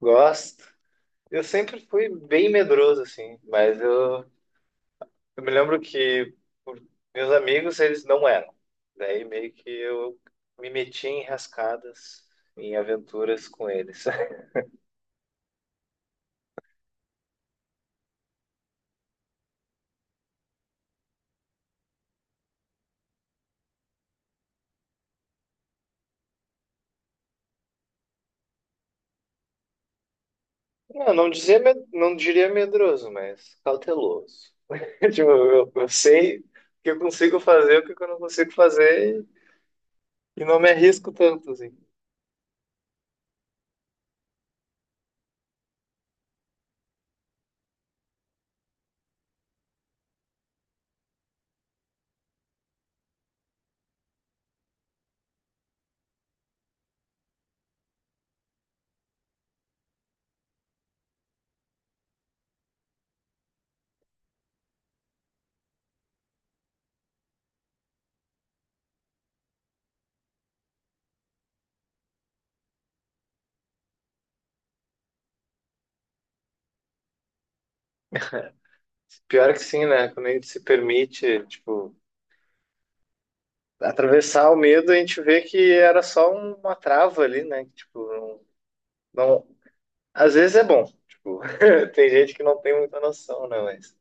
Gosto. Eu sempre fui bem medroso, assim, mas eu me lembro que por- meus amigos, eles não eram. Daí meio que eu me meti em rascadas, em aventuras com eles. Não diria medroso, mas cauteloso. Tipo, eu sei o que eu consigo fazer, o que eu não consigo fazer, e não me arrisco tanto, assim. Pior que sim, né? Quando a gente se permite, tipo, atravessar o medo, a gente vê que era só uma trava ali, né? Que, tipo, não, não- às vezes é bom. Tipo, tem gente que não tem muita noção, né? Mas,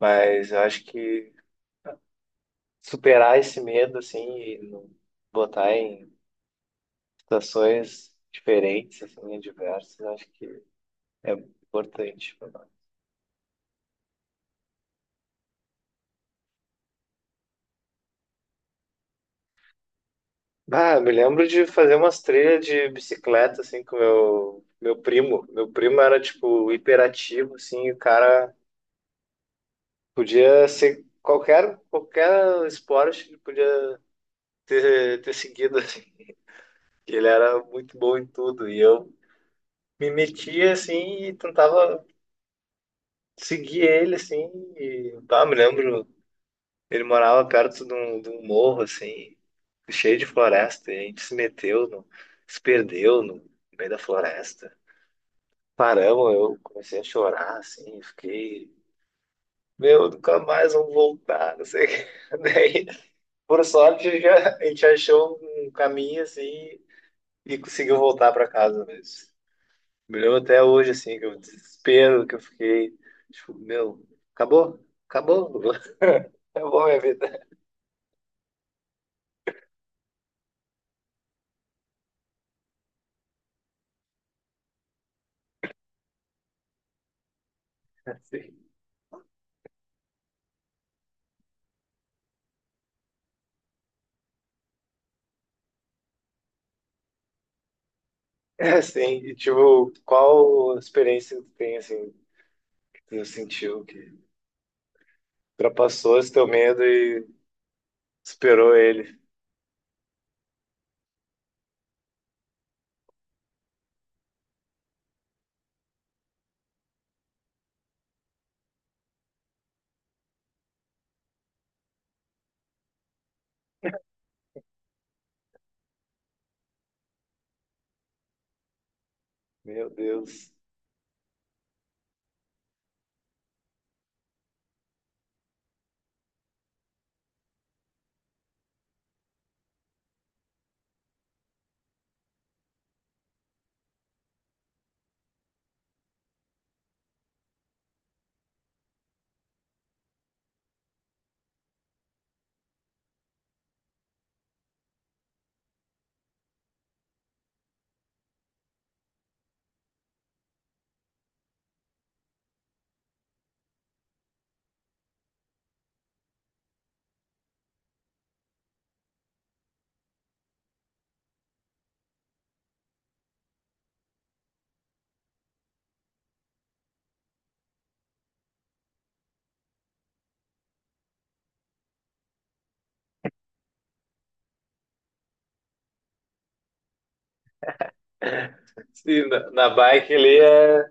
mas eu acho que superar esse medo, assim, e não botar em situações diferentes, assim, diversas, eu acho que é importante pra nós. Ah, eu me lembro de fazer umas trilhas de bicicleta, assim, com meu primo. Meu primo era, tipo, hiperativo, assim, o cara podia ser qualquer esporte, ele podia ter seguido, assim. Ele era muito bom em tudo. E eu me metia, assim, e tentava seguir ele, assim. E, pá, me lembro, ele morava perto de um morro, assim, cheio de floresta. E a gente se perdeu no meio da floresta. Paramos, eu comecei a chorar, assim, fiquei... Meu, nunca mais vou voltar, não sei o que. Daí, por sorte, a gente achou um caminho assim e conseguiu voltar para casa mesmo. Me lembro até hoje, assim, que o desespero que eu fiquei. Tipo, meu, acabou, acabou, acabou minha vida. Assim, assim, e tipo, qual experiência que tu tem, assim, que tu sentiu que ultrapassou esse teu medo e superou ele? Meu Deus. Sim, na, na bike ali é.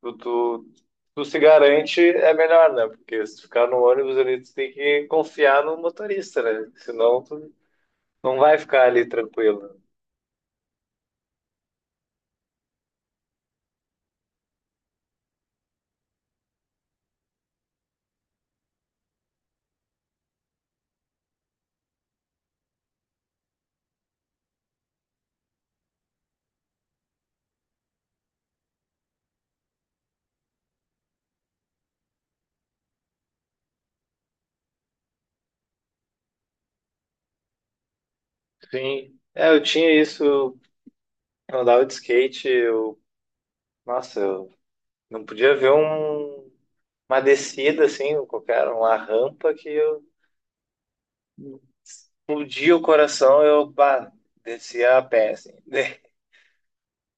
tu, tu, tu se garante é melhor, né? Porque se tu ficar no ônibus ali, tu tem que confiar no motorista, né? Senão tu não vai ficar ali tranquilo. Sim. É, eu tinha isso, eu andava de skate, eu, nossa, eu não podia ver um, uma descida assim, qualquer, uma rampa que eu explodia o coração, eu, pá, descia a pé, assim.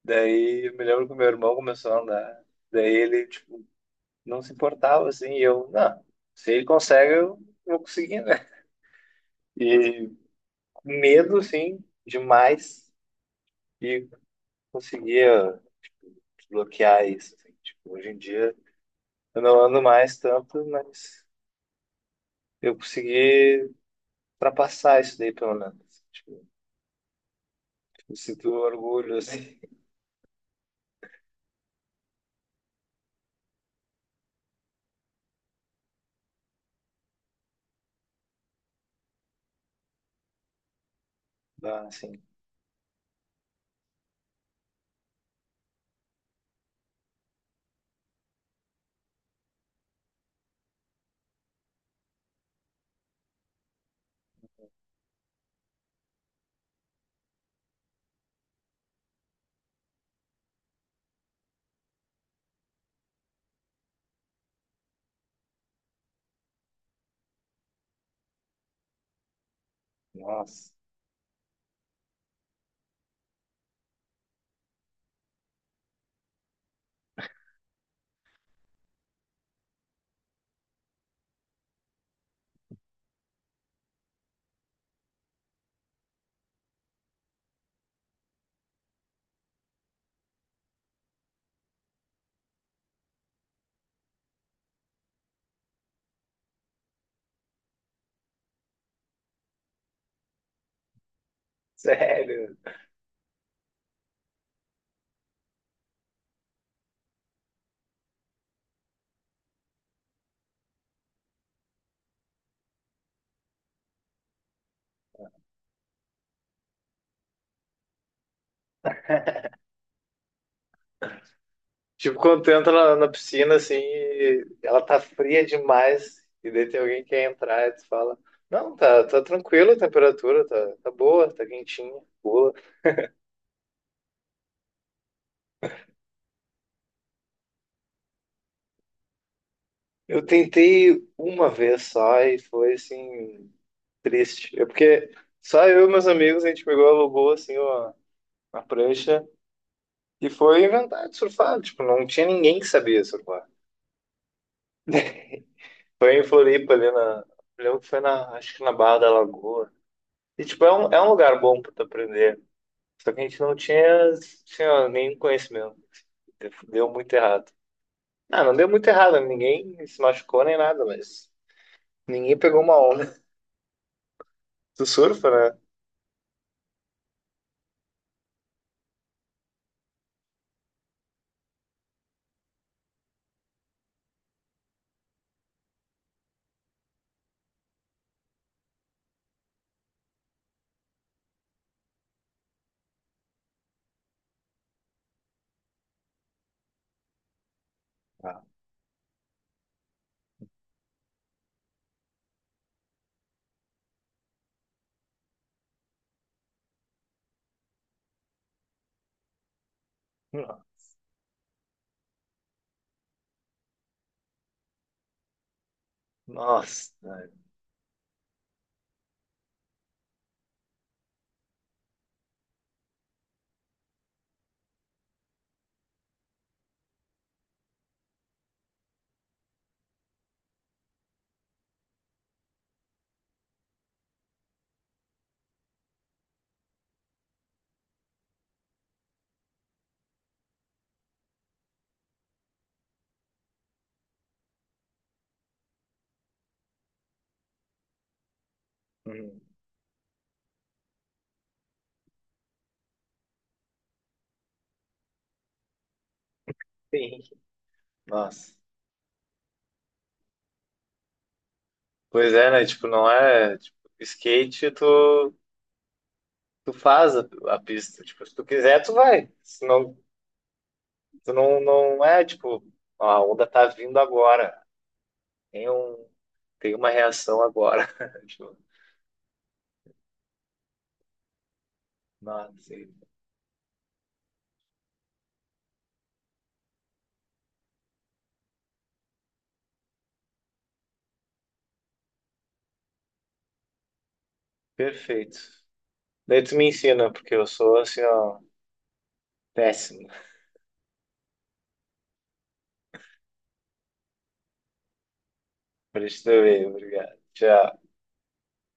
Daí eu me lembro que o meu irmão começou a andar. Daí ele, tipo, não se importava, assim, e eu, não, se ele consegue, eu vou conseguir, né? E medo, assim, demais, e conseguia tipo, bloquear isso, assim, tipo, hoje em dia eu não ando mais tanto, mas eu consegui ultrapassar isso daí, pelo menos. Tipo, eu sinto orgulho, assim, ah, assim, nossa, sério. Tipo, quando tu entra na, na piscina, assim, e ela tá fria demais, e daí tem alguém que quer entrar, e tu fala, não, tá, tá tranquilo a temperatura, tá, tá boa, tá quentinha, boa. Eu tentei uma vez só e foi, assim, triste. É porque só eu e meus amigos, a gente pegou, alugou, assim, uma prancha, e foi inventar de surfar, tipo, não tinha ninguém que sabia surfar. Foi em Floripa, ali na, eu lembro que foi na, acho que na Barra da Lagoa. E, tipo, é um lugar bom pra tu aprender. Só que a gente não tinha, tinha nenhum conhecimento. Deu muito errado. Ah, não deu muito errado, ninguém se machucou nem nada, mas ninguém pegou uma onda. Tu surfa, né? Ah, não. Nossa, né? Uhum. Sim. Nossa. Pois é, né? Tipo, não é. Tipo, skate, tu, tu faz a pista. Tipo, se tu quiser, tu vai. Senão, tu não, não é, tipo, ó, a onda tá vindo agora. Tem um, tem uma reação agora. Tipo, nossa, perfeito. Daí tu me ensina, porque eu sou assim, ó, péssimo. Pra gente ver, obrigado. Tchau.